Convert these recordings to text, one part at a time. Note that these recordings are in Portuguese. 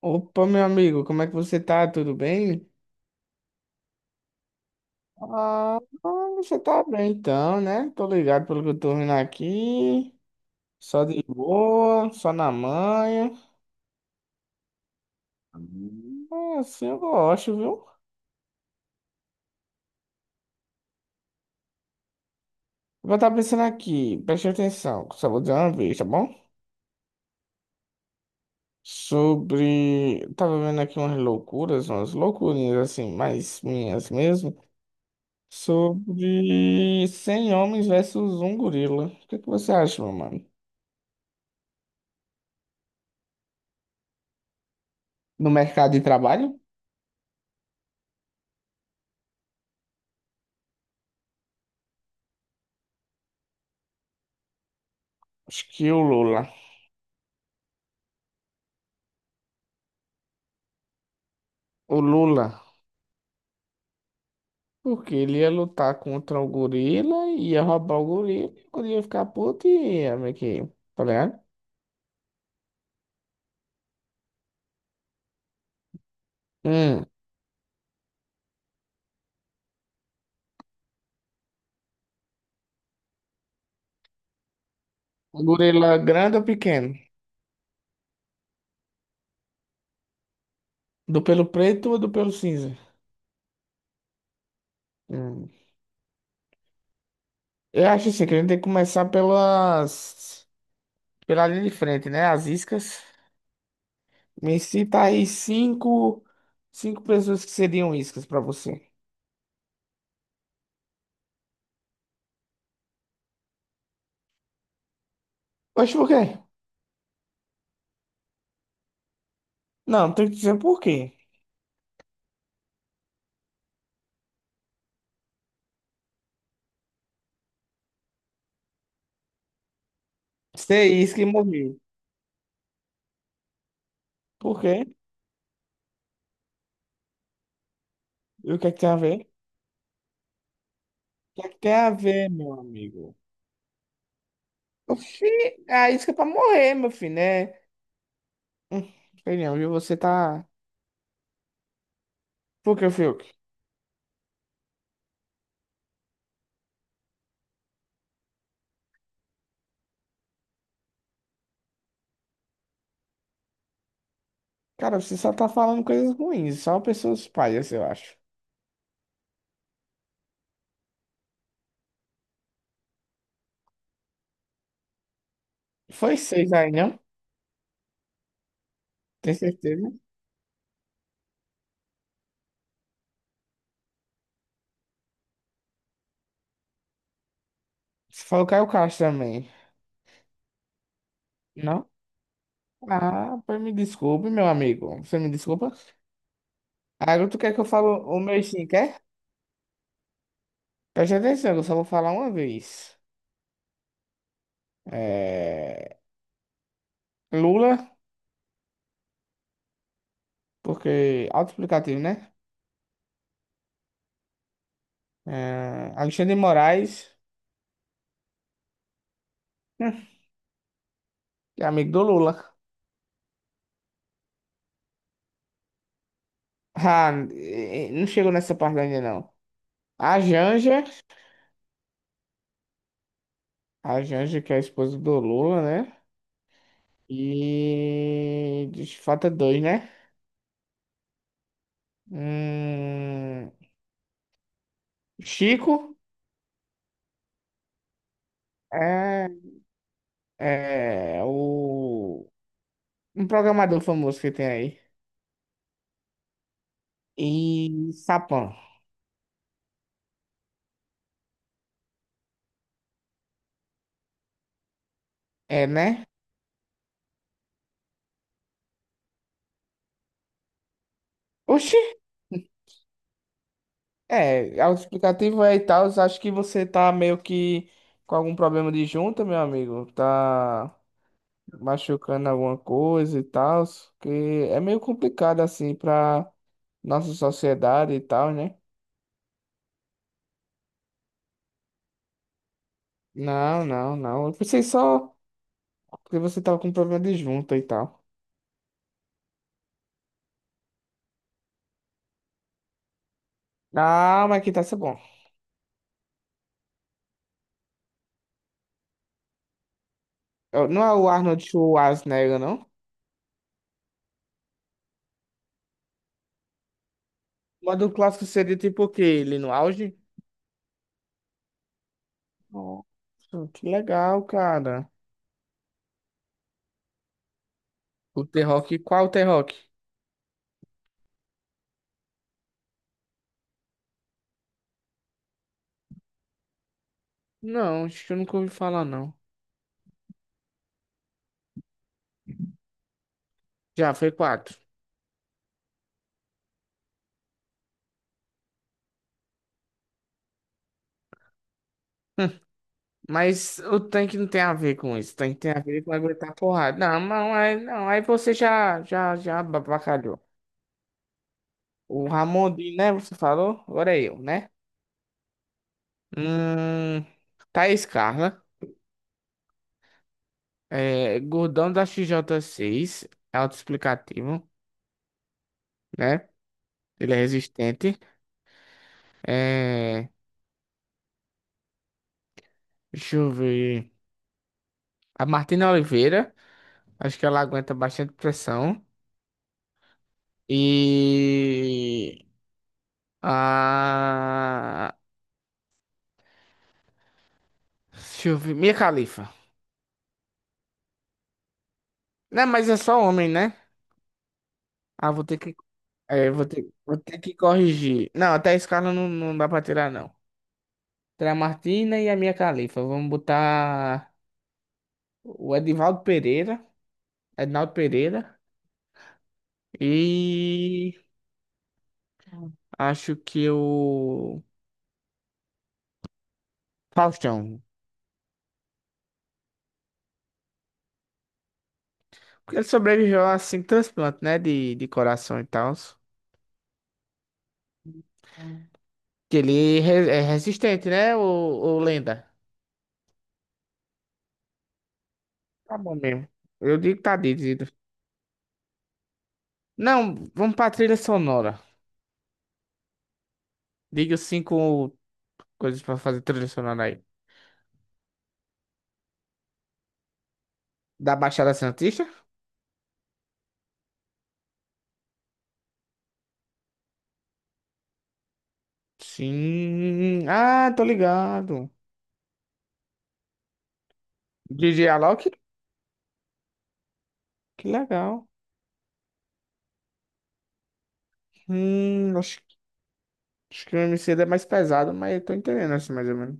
Opa, meu amigo, como é que você tá? Tudo bem? Ah, ah, você tá bem então, né? Tô ligado pelo que eu tô vendo aqui. Só de boa, só na manha. Ah, assim eu gosto, viu? Vou estar pensando aqui, preste atenção, só vou dizer uma vez, tá bom? Sobre. Eu Tava vendo aqui umas loucuras, umas loucurinhas assim, mais minhas mesmo. Sobre 100 homens versus um gorila. O que é que você acha, meu mano? No mercado de trabalho? Acho que o Lula. O Lula. Porque ele ia lutar contra o gorila, ia roubar o gorila, e o gorila ia ficar puto e ia meio que. Tá ligado? Hum. O gorila grande ou pequeno? Do pelo preto ou do pelo cinza? Hum. Eu acho assim, que a gente tem que começar pela linha de frente, né? As iscas. Me cita aí cinco. Cinco pessoas que seriam iscas pra você. Oxe, por quê? Não, tem que dizer por quê. Ser isca e morrer. Por quê? E o que é que tem a ver? Que é que tem a ver, meu amigo? Oxi, a isca é pra morrer, meu filho, né? Hum. Sei não, viu? Você tá. Por que, Fiuk? Cara, você só tá falando coisas ruins, só pessoas palhas, eu acho. Foi seis aí, não? Tem certeza? Você falou Caio Castro também, não? Ah, pois me desculpe, meu amigo. Você me desculpa? Agora tu quer que eu fale o meu sim, quer? Preste atenção, que eu só vou falar uma vez. É... Lula, porque auto-explicativo, né? É... Alexandre de Moraes. Hum, é amigo do Lula. Ah, não chegou nessa parte ainda, não. A Janja, a Janja, que é a esposa do Lula, né? Falta dois, né? Hum. Chico é, é o. Um programador famoso que tem aí. E Sapão. É, né? Oxi! É, autoexplicativo é e tal. Acho que você tá meio que com algum problema de junta, meu amigo. Tá. Machucando alguma coisa e tal, que é meio complicado assim pra nossa sociedade e tal, né? Não. Eu pensei só que você tava com problema de junta e tal. Ah, mas que tá isso é bom. Eu- Não é o Arnold Schwarzenegger, não? O modo clássico seria tipo o quê? Ele no auge? Nossa, que legal, cara. O The Rock, qual o The Rock? Não, acho que eu nunca ouvi falar, não. Já, foi quatro. Mas o tanque não tem a ver com isso. O tanque tem a ver com aguentar porrada. Não, não, aí, não, aí você já abacalhou. O Ramondinho, né? Você falou? Agora é eu, né? Hum. Thaís Carla. É, gordão da xj seis. É autoexplicativo, né? Ele é resistente. É, deixa eu ver. A Martina Oliveira. Acho que ela aguenta bastante pressão. E. A. Deixa eu ver. Mia Khalifa. Não, mas é só homem, né? Ah, vou ter que. É, vou ter que corrigir. Não, até a escala não, não dá pra tirar, não. Tirar a Martina e a minha Califa. Vamos botar o Edivaldo Pereira. Ednaldo Pereira. E acho que o Faustão. Porque ele sobreviveu assim, transplante, né? De coração e tal. Que ele é é resistente, né? O Lenda. Tá bom mesmo. Eu digo que tá dito. Zito. Não, vamos pra trilha sonora. Diga os cinco coisas pra fazer trilha sonora aí. Da Baixada Santista? Sim. Ah, tô ligado. DJ Alok? Que legal. Hum, acho, acho que o MC é mais pesado, mas eu tô entendendo assim mais ou menos.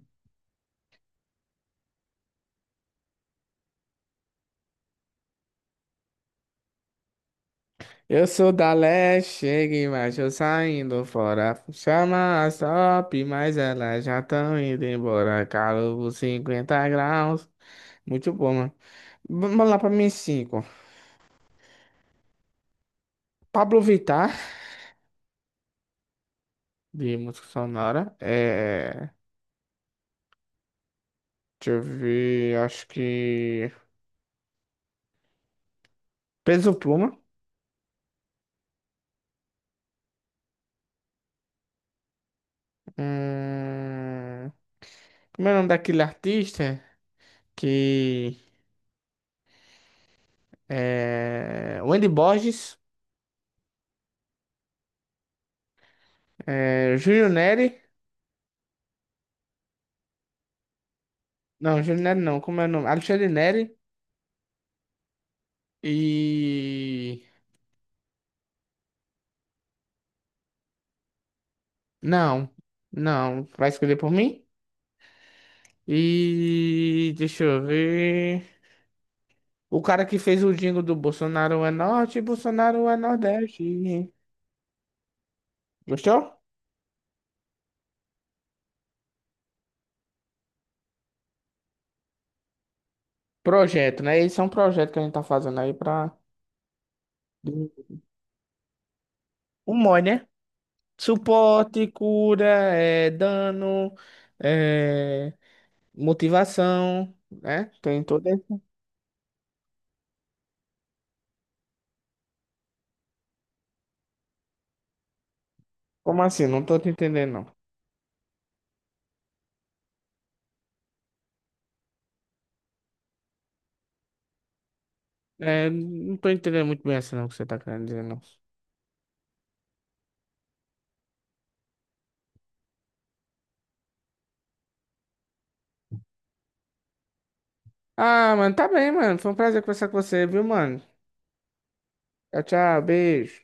Eu sou da leste, cheguei, mas eu saindo fora. Chama as top, mas elas já estão indo embora. Calor 50 graus. Muito bom, mano. Vamos lá pra minha 5. Pablo Vittar, de música sonora. Deixa eu ver, acho que. Peso Pluma. Hum... Como é o nome daquele artista? Que. É... Wendy Borges. É... Júlio Neri. Não, Júlio Neri não. Como é o nome? Alexandre Neri. E. Não. Não. Vai escolher por mim? E. Deixa eu ver. O cara que fez o jingle do Bolsonaro é norte, Bolsonaro é nordeste. Gostou? Projeto, né? Esse é um projeto que a gente tá fazendo aí pra. O MOI, né? Suporte, cura, é, dano, é, motivação, né? Tem todo esse. Como assim? Não tô te entendendo, não. É, não tô entendendo muito bem assim, não, o que você tá querendo dizer, não. Ah, mano, tá bem, mano. Foi um prazer conversar com você, viu, mano? Tchau, tchau, beijo.